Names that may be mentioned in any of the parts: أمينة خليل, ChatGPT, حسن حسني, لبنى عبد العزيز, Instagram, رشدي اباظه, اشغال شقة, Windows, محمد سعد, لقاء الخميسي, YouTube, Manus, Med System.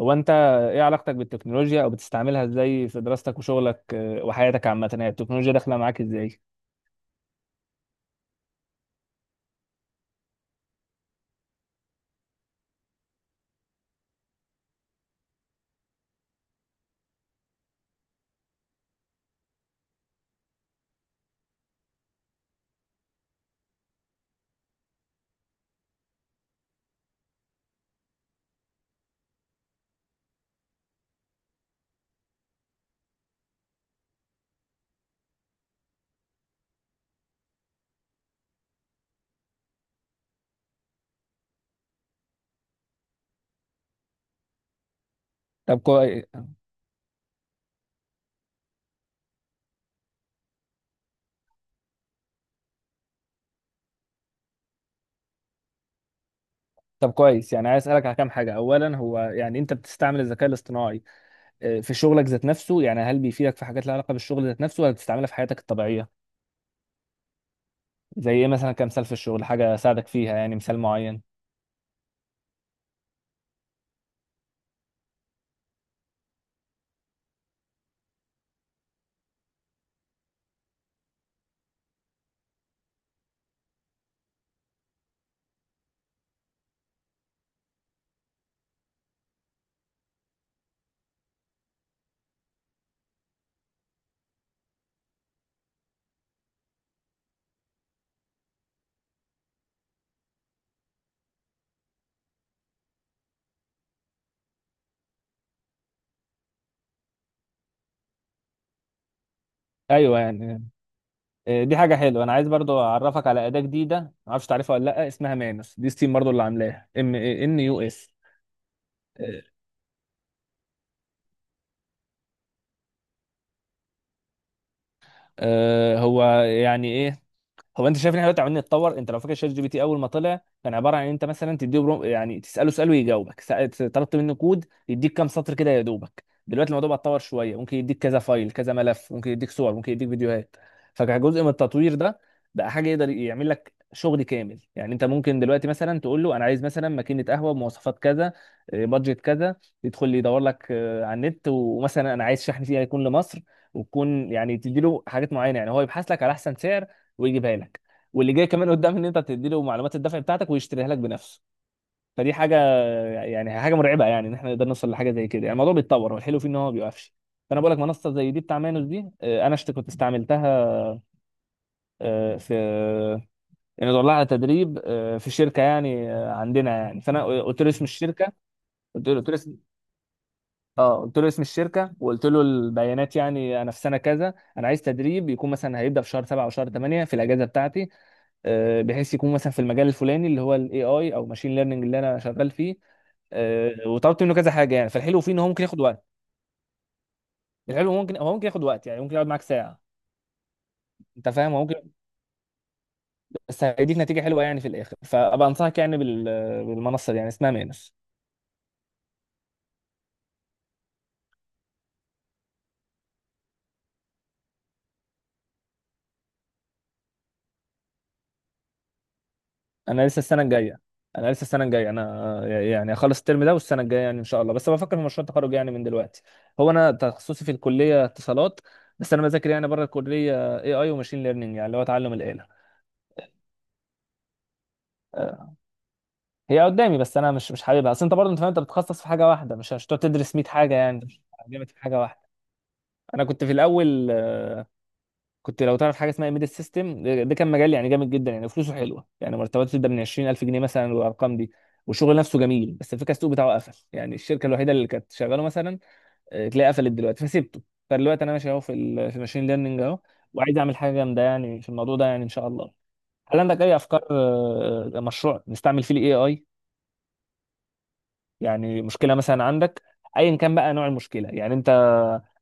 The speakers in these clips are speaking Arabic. هو انت، ايه علاقتك بالتكنولوجيا او بتستعملها ازاي في دراستك وشغلك وحياتك عامه؟ يعني التكنولوجيا داخله معاك ازاي؟ طب كويس طب كويس. يعني عايز اسالك على كام حاجه. اولا، هو يعني انت بتستعمل الذكاء الاصطناعي في شغلك ذات نفسه؟ يعني هل بيفيدك في حاجات لها علاقه بالشغل ذات نفسه ولا بتستعملها في حياتك الطبيعيه؟ زي ايه مثلا؟ كمثال في الشغل حاجه ساعدك فيها، يعني مثال معين. ايوه يعني. دي حاجه حلوه. انا عايز برضو اعرفك على اداه جديده، ما اعرفش تعرفها ولا لا، اسمها مانوس. دي ستيم برضو، اللي عاملاها ام ان يو اس. آه، هو يعني ايه؟ هو انت شايف ان احنا دلوقتي عمالين نتطور. انت لو فاكر شات جي بي تي اول ما طلع كان عباره عن انت مثلا تديه يعني تساله سؤال ويجاوبك. طلبت منه كود يديك كام سطر كده يا دوبك. دلوقتي الموضوع بقى اتطور شويه، ممكن يديك كذا فايل كذا ملف، ممكن يديك صور، ممكن يديك فيديوهات. فكجزء من التطوير ده بقى حاجه يقدر يعمل لك شغل كامل. يعني انت ممكن دلوقتي مثلا تقول له انا عايز مثلا ماكينه قهوه بمواصفات كذا، بادجت كذا. يدخل لي يدور لك على النت، ومثلا انا عايز شحن فيها يكون لمصر، وتكون يعني تديله حاجات معينه، يعني هو يبحث لك على احسن سعر ويجيبها لك. واللي جاي كمان قدام ان انت تدي له معلومات الدفع بتاعتك ويشتريها لك بنفسه. فدي حاجه يعني حاجه مرعبه، يعني ان احنا نقدر نوصل لحاجه زي كده. يعني الموضوع بيتطور، والحلو فيه ان هو ما بيوقفش. فانا بقول لك منصه زي دي بتاع مانوس دي. انا كنت استعملتها، في يعني دور لها على تدريب في شركه يعني عندنا، يعني فانا قلت له اسم الشركه. قلت له قلت له اه قلت له اسم الشركه، وقلت له البيانات، يعني انا في سنه كذا، انا عايز تدريب يكون مثلا هيبدا في شهر 7 او شهر 8 في الاجازه بتاعتي، بحيث يكون مثلا في المجال الفلاني اللي هو الاي اي او ماشين ليرنينج اللي انا شغال فيه. وطلبت منه كذا حاجه، يعني فالحلو فيه ان هو ممكن ياخد وقت. الحلو هو ممكن ياخد وقت، يعني ممكن يقعد معاك ساعه انت فاهم. هو ممكن، بس هيديك نتيجه حلوه يعني في الاخر، فابقى انصحك يعني بالمنصه دي، يعني اسمها مينس. انا لسه السنه الجايه انا لسه السنه الجايه انا يعني اخلص الترم ده، والسنه الجايه يعني ان شاء الله، بس بفكر في مشروع التخرج يعني من دلوقتي. هو انا تخصصي في الكليه اتصالات، بس انا بذاكر يعني بره الكليه اي اي وماشين ليرنينج، يعني اللي هو تعلم الاله. آه، هي قدامي بس انا مش حاببها. اصل انت برضه انت فاهم، انت بتتخصص في حاجه واحده، مش هتقعد تدرس 100 حاجه، يعني مش جامد في حاجه واحده. انا كنت في الاول كنت، لو تعرف حاجه اسمها ميد سيستم، ده كان مجال يعني جامد جدا، يعني فلوسه حلوه، يعني مرتباته تبدا من 20000 جنيه مثلا، والارقام دي، والشغل نفسه جميل، بس الفكره السوق بتاعه قفل. يعني الشركه الوحيده اللي كانت شغاله مثلا تلاقي قفلت دلوقتي، فسيبته. فدلوقتي انا ماشي اهو في في الماشين ليرنينج اهو، وعايز اعمل حاجه جامده يعني في الموضوع ده، يعني ان شاء الله. هل عندك اي افكار مشروع نستعمل فيه الاي اي؟ يعني مشكله مثلا عندك، ايا كان بقى نوع المشكله، يعني انت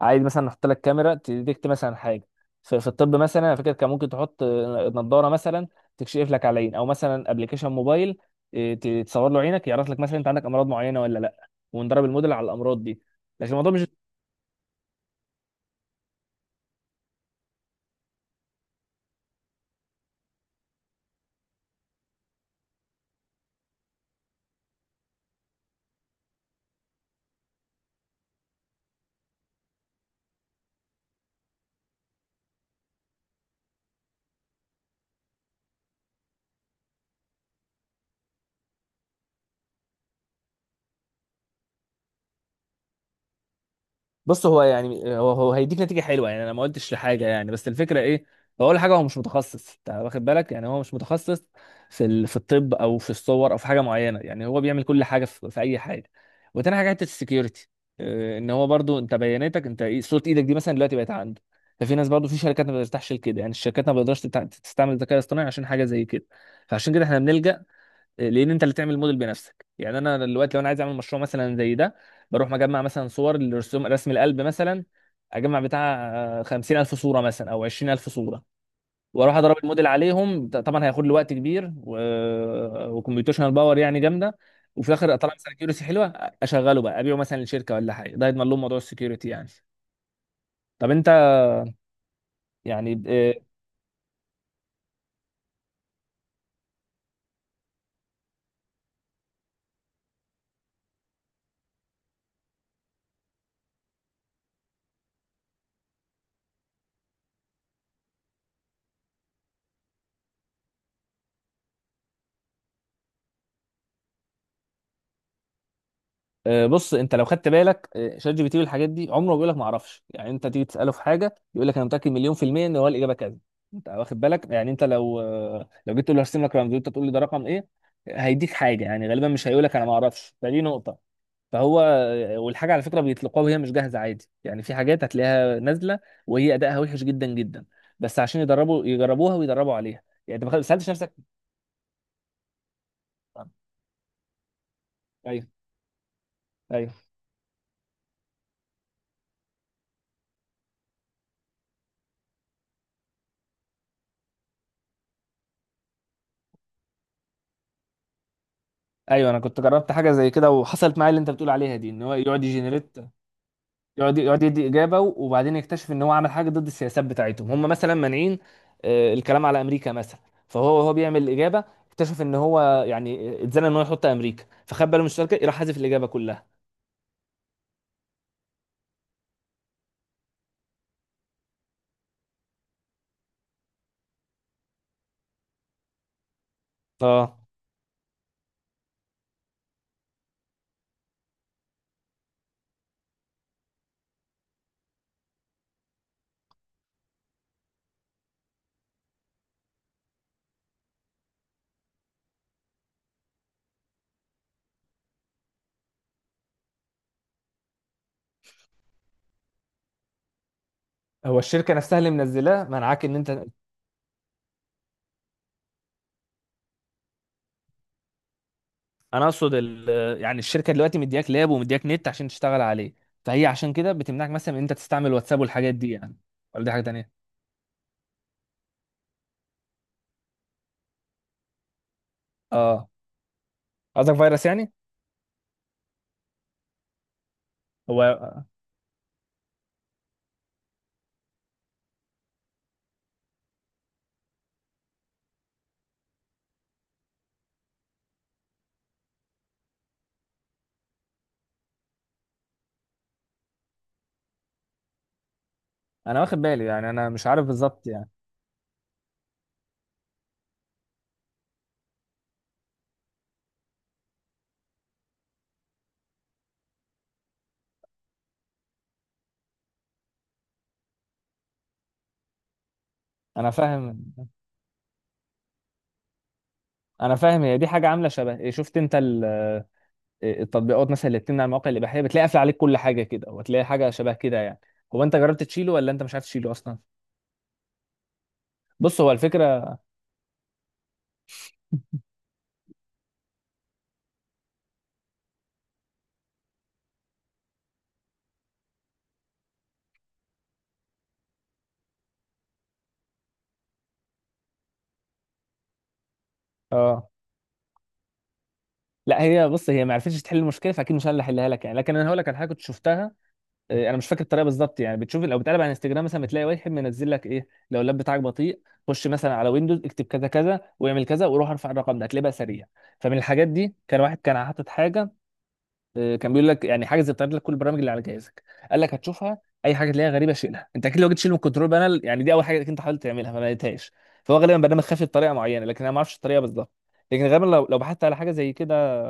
عايز مثلا نحط لك كاميرا تديكت مثلا حاجه. في الطب مثلا، انا فاكر كان ممكن تحط نظاره مثلا تكشف لك على العين، او مثلا ابلكيشن موبايل تصور له عينك، يعرف لك مثلا انت عندك امراض معينه ولا لا، وندرب الموديل على الامراض دي. لكن الموضوع مش، بص هو يعني هو هيديك نتيجه حلوه يعني، انا ما قلتش لحاجه يعني بس الفكره ايه. هو اول حاجه هو مش متخصص، انت واخد بالك، يعني هو مش متخصص في الطب او في الصور او في حاجه معينه، يعني هو بيعمل كل حاجه في اي حاجه. وتاني حاجه حته السكيورتي، ان هو برضو انت بياناتك انت، صوره ايدك دي مثلا دلوقتي بقت عنده. ففي ناس برضو في شركات ما بترتاحش لكده، يعني الشركات ما بتقدرش تستعمل الذكاء الاصطناعي عشان حاجه زي كده، فعشان كده احنا بنلجأ. لان انت اللي تعمل الموديل بنفسك، يعني انا دلوقتي لو انا عايز اعمل مشروع مثلا زي ده، بروح مجمع مثلا صور لرسوم رسم القلب مثلا، اجمع بتاع خمسين الف صوره مثلا او عشرين الف صوره، واروح اضرب الموديل عليهم. طبعا هياخد لي وقت كبير وكمبيوتيشنال باور يعني جامده، وفي الاخر اطلع مثلا كيوريسي حلوه، اشغله بقى ابيعه مثلا لشركه ولا حاجه، ده يضمن لهم موضوع السكيورتي يعني. طب انت يعني بص، انت لو خدت بالك شات جي بي تي والحاجات دي عمره ما بيقول لك ما اعرفش. يعني انت تيجي تساله في حاجه يقول لك انا متاكد مليون في الميه ان هو الاجابه كذا. انت واخد بالك، يعني انت لو لو جيت تقول له هرسم لك رمز وانت تقول لي ده رقم ايه، هيديك حاجه، يعني غالبا مش هيقول لك انا ما اعرفش، فدي نقطه. فهو والحاجه على فكره بيطلقوها وهي مش جاهزه عادي، يعني في حاجات هتلاقيها نازله وهي ادائها وحش جدا جدا، بس عشان يدربوا يجربوها ويدربوا عليها. يعني انت ما سالتش نفسك. ايوه، ايوه، ايوه، أيوه، انا كنت جربت حاجه زي كده، وحصلت معايا اللي انت بتقول عليها دي، ان هو يقعد يجنريت، يقعد يدي اجابه، وبعدين يكتشف ان هو عمل حاجه ضد السياسات بتاعتهم. هم مثلا مانعين الكلام على امريكا مثلا، فهو بيعمل الاجابه، اكتشف ان هو يعني اتزنق ان هو يحط امريكا، فخد باله من الشركه، راح حذف الاجابه كلها. اه، هو الشركه نفسها اللي منزلاه منعاك ان انت؟ انا اقصد ال... آه، يعني الشركه دلوقتي مدياك لاب ومدياك نت عشان تشتغل عليه، فهي عشان كده بتمنعك مثلا ان انت تستعمل واتساب والحاجات دي يعني، ولا دي حاجه تانيه؟ اه، قصدك فيروس يعني. هو انا واخد بالي، يعني انا مش عارف بالظبط يعني. انا فاهم، انا فاهم. هي دي حاجه عامله شبه، شفت انت ال- إيه، التطبيقات مثلا اللي بتمنع المواقع الاباحيه، بتلاقي قافله عليك كل حاجه كده، وتلاقي حاجه شبه كده يعني. هو انت جربت تشيله ولا انت مش عارف تشيله اصلا؟ بص هو الفكره. اه لا، هي بص هي ما عرفتش تحل المشكله، فاكيد مش انا اللي هحلها لك يعني، لكن انا هقول لك على حاجه كنت شفتها. انا مش فاكر الطريقه بالظبط يعني. بتشوف لو بتقلب على انستجرام مثلا بتلاقي واحد منزل لك ايه، لو اللاب بتاعك بطيء خش مثلا على ويندوز اكتب كذا كذا واعمل كذا وروح ارفع الرقم ده هتلاقيه بقى سريع. فمن الحاجات دي كان واحد كان حاطط حاجه، كان بيقول لك يعني حاجز بتعرض لك كل البرامج اللي على جهازك. قال لك هتشوفها اي حاجه تلاقيها غريبه شيلها. انت اكيد لو جيت تشيل من الكنترول بانل، يعني دي اول حاجه انت حاولت تعملها ما لقيتهاش. فهو غالبا برنامج خافي بطريقه معينه، لكن انا ما اعرفش الطريقه بالظبط. لكن غالبا لو بحثت على حاجه زي كده،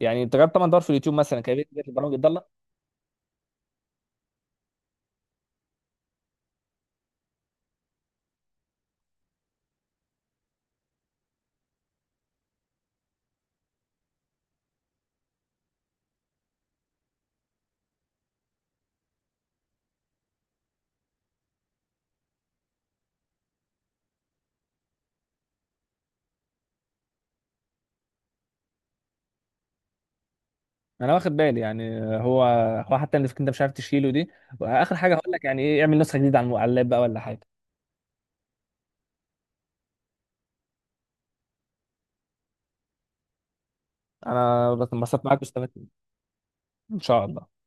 يعني انت جربت طبعا دور في اليوتيوب مثلا كيفيه تنزل البرامج الضاله. انا واخد بالي، يعني هو حتى اللي انت مش عارف تشيله دي، واخر حاجه هقول لك يعني ايه، اعمل نسخه جديده على على اللاب بقى ولا حاجه. انا بس انبسطت معاك واستفدت. ان شاء الله.